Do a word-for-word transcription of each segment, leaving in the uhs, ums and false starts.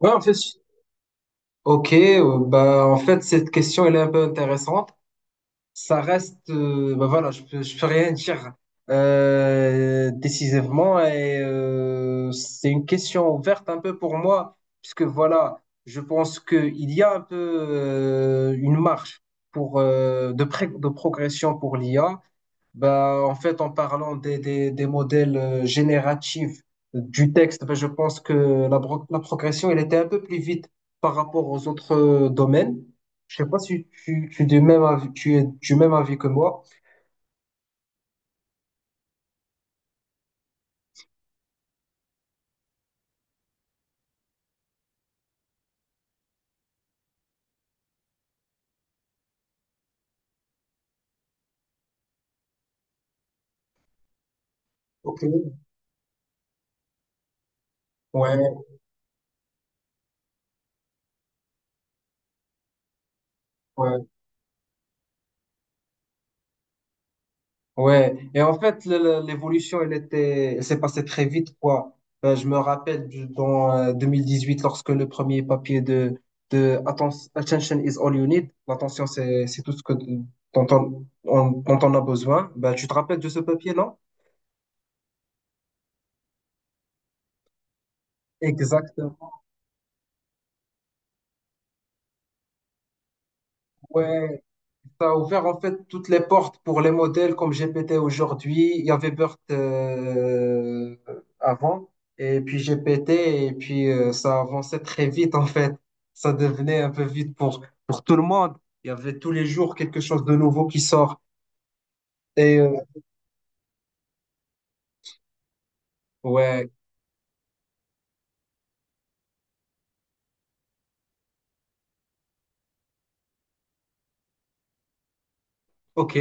Ouais, en fait, je- ok, euh, bah, en fait, Cette question, elle est un peu intéressante. Ça reste, euh, bah, voilà, je peux, je peux rien dire euh, décisivement, et euh, c'est une question ouverte un peu pour moi, puisque voilà, je pense qu'il y a un peu euh, une marche pour, euh, de, pré- de progression pour l'I A. Bah, en fait, en parlant des, des, des modèles euh, génératifs euh, du texte, bah, je pense que la, bro- la progression, elle était un peu plus vite par rapport aux autres euh, domaines. Je sais pas si tu, tu, es du même avis, tu es du même avis que moi. Ok. Ouais, ouais. Ouais, et en fait, le- le- l'évolution, elle était, elle s'est passée très vite, quoi. Euh, je me rappelle du- dans euh, deux mille dix-huit, lorsque le premier papier de, de Atten- Attention is all you need, l'attention, c'est, c'est tout ce que, dont on, on- dont on a besoin. Bah, tu te rappelles de ce papier, non? Exactement. Ouais, ça a ouvert en fait toutes les portes pour les modèles comme G P T aujourd'hui. Il y avait BERT euh, avant, et puis G P T, et puis euh, ça avançait très vite en fait. Ça devenait un peu vite pour, pour tout le monde. Il y avait tous les jours quelque chose de nouveau qui sort. Et euh, ouais, ok,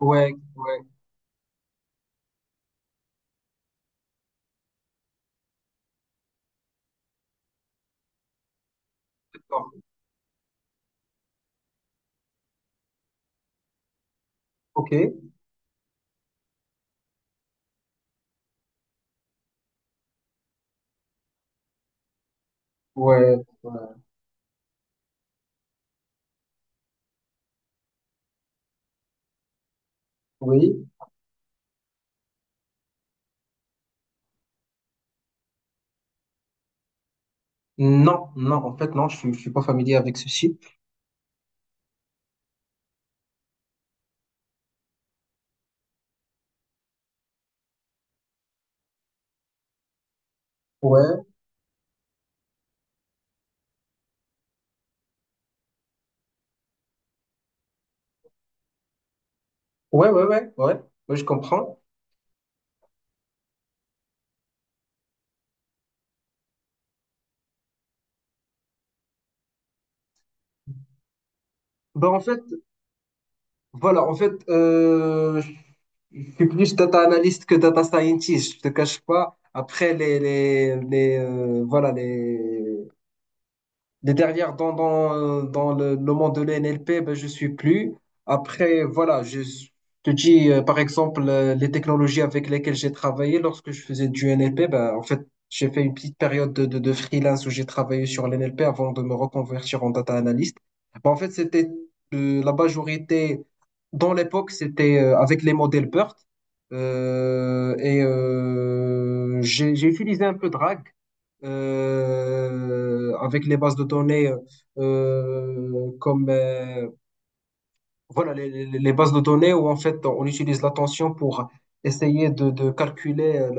ouais, ouais, d'accord, ok, ouais, ouais, oui. Non, non, en fait, non, je suis, je suis pas familier avec ceci. Ouais, ouais, ouais, ouais, ouais, ouais, je comprends. Ben, en fait, Voilà, en fait, euh, je suis plus data analyst que data scientist, je te cache pas. Après, les, les, les, euh, voilà, les, les dernières dans, dans, euh, dans le, le monde de l'N L P, ben, je suis plus. Après, voilà, je s- te dis, euh, par exemple, euh, les technologies avec lesquelles j'ai travaillé lorsque je faisais du N L P, ben, en fait, j'ai fait une petite période de, de, de freelance où j'ai travaillé sur l'N L P avant de me reconvertir en data analyst. Ben, en fait, c'était euh, la majorité, dans l'époque, c'était euh, avec les modèles BERT. Euh, et euh, j'ai j'ai utilisé un peu de RAG euh, avec les bases de données euh, comme euh, voilà, les, les- les bases de données où en fait on utilise l'attention pour essayer de, de calculer euh,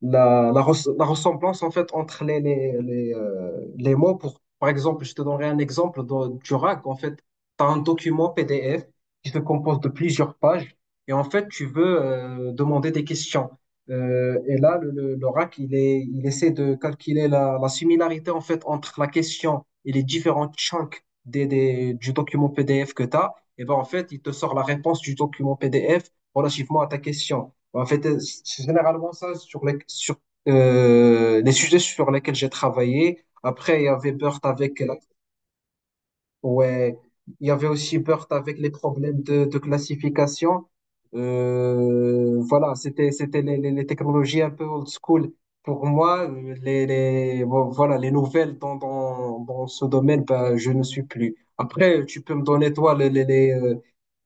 la, la, la- la res- la ressemblance en fait entre les, les, les, euh, les mots. Pour, par exemple, je te donnerai un exemple dans- du RAG. En fait, tu as un document P D F qui se compose de plusieurs pages, et en fait tu veux euh, demander des questions. Euh, et là, le, le, le R A C, il est, il essaie de calculer la, la similarité en fait entre la question et les différents chunks des, des- du document P D F que tu as, et ben en fait, il te sort la réponse du document P D F relativement à ta question. En fait, c'est généralement ça sur les, sur, euh, les sujets sur lesquels j'ai travaillé. Après, il y avait Burt avec la. Ouais, il y avait aussi Burt avec les problèmes de, de classification. Euh, voilà, c'était c'était les, les, les technologies un peu old school. Pour moi, euh, les, les bon, voilà les nouvelles dans, dans, dans ce domaine, ben, je ne suis plus. Après, tu peux me donner toi les les les, euh,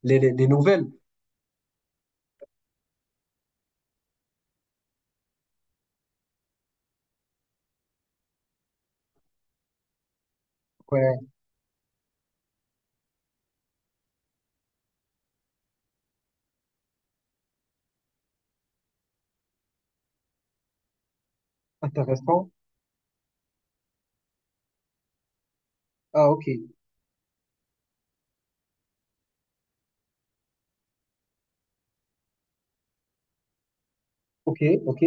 les, les- les nouvelles. Ouais, intéressant. Ah ok, ok, ok,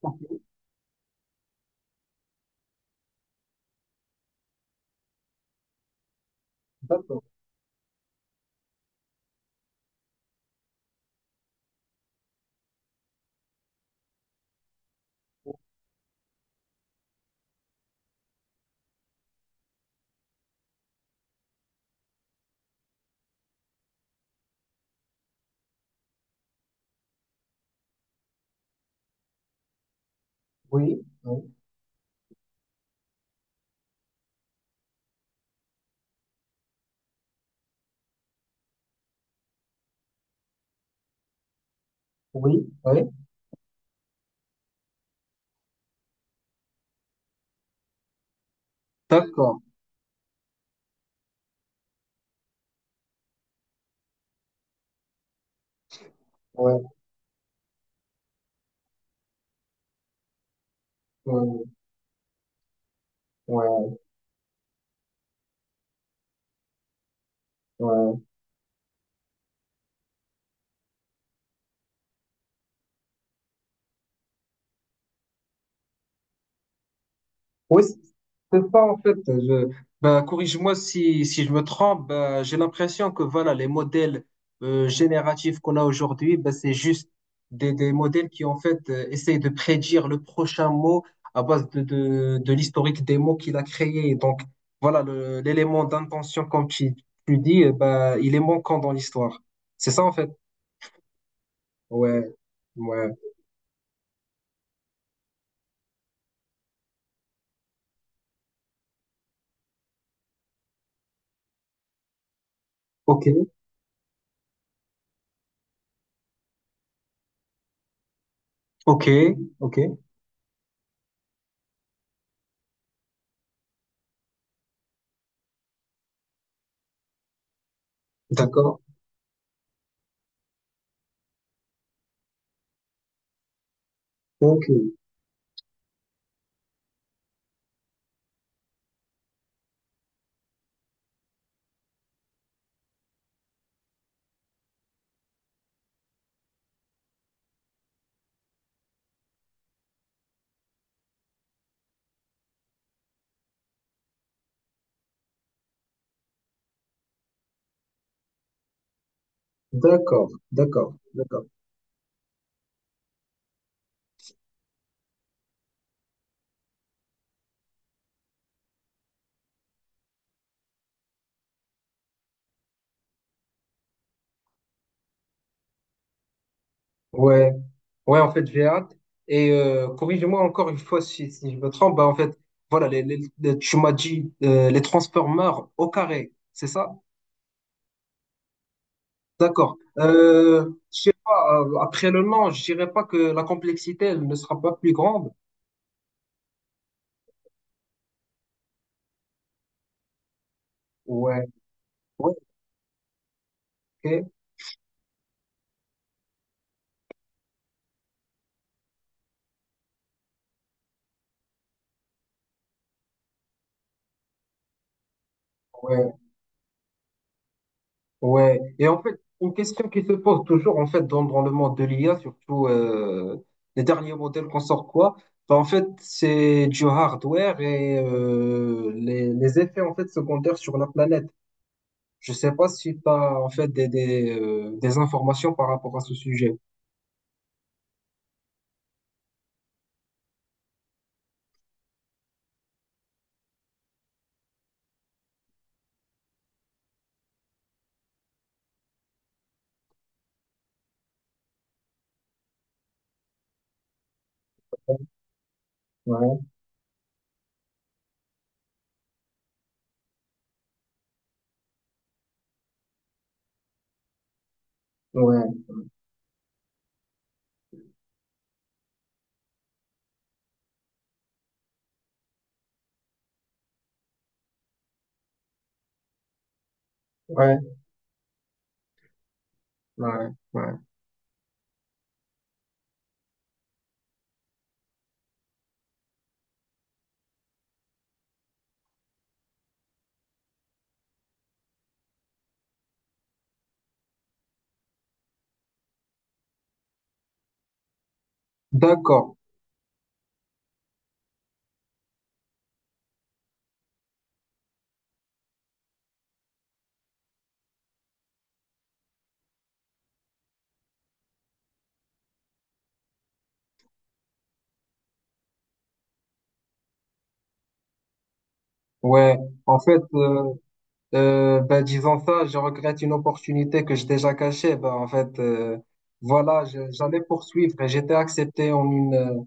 ok, d'accord. Oui, oui, oui, ouais. D'accord. Ouais, ouais, ouais, ouais. Oui, c'est ça en fait. Je, ben, corrige-moi si, si je me trompe. Ben, j'ai l'impression que voilà, les modèles euh, génératifs qu'on a aujourd'hui, ben, c'est juste des, des modèles qui en fait euh, essayent de prédire le prochain mot à base de, de, de l'historique des mots qu'il a créé. Donc voilà, le- l'élément d'intention, comme tu, tu dis, eh ben, il est manquant dans l'histoire. C'est ça en fait. Ouais, ouais. Ok, ok, ok. D'accord. Ok. D'accord, d'accord, d'accord. Ouais. Ouais, en fait, j'ai hâte. Et euh, corrige-moi encore une fois si, si je me trompe. Bah, en fait, voilà, les, les- les- tu m'as dit euh, les Transformers au carré, c'est ça? D'accord. Euh, je sais pas, euh, après le nom, je dirais pas que la complexité, elle ne sera pas plus grande. Ouais, ouais, ok, ouais. Ouais, et en fait, une question qui se pose toujours, en fait, dans, dans le monde de l'I A, surtout euh, les derniers modèles qu'on sort, quoi, bah, en fait, c'est du hardware et euh, les, les effets en fait secondaires sur la planète. Je sais pas si tu as en fait des, des, euh, des informations par rapport à ce sujet. Ouais, ouais, ouais, ouais, ouais. D'accord. Ouais, en fait, euh, Euh, ben, disons ça, je regrette une opportunité que j'ai déjà cachée. Ben, en fait, euh, voilà, je- j'allais poursuivre et j'étais accepté en une, euh,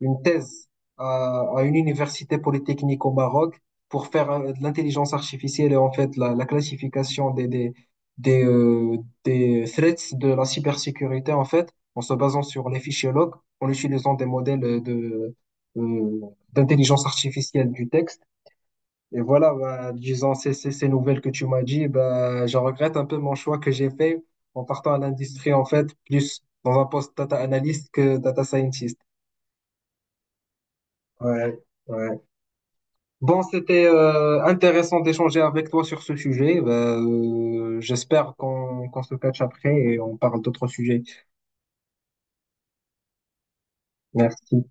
une thèse à, à une université polytechnique au Maroc pour faire euh, de l'intelligence artificielle et en fait la, la classification des, des, des, euh, des threats de la cybersécurité en fait, en se basant sur les fichiers log, en utilisant des modèles de, euh, d'intelligence artificielle du texte. Et voilà, bah, disons, ces, ces, ces nouvelles que tu m'as dit, bah, je regrette un peu mon choix que j'ai fait en partant à l'industrie, en fait, plus dans un poste data analyst que data scientist. Ouais, ouais. Bon, c'était euh, intéressant d'échanger avec toi sur ce sujet. Bah, euh, j'espère qu'on qu'on se catch après et on parle d'autres sujets. Merci.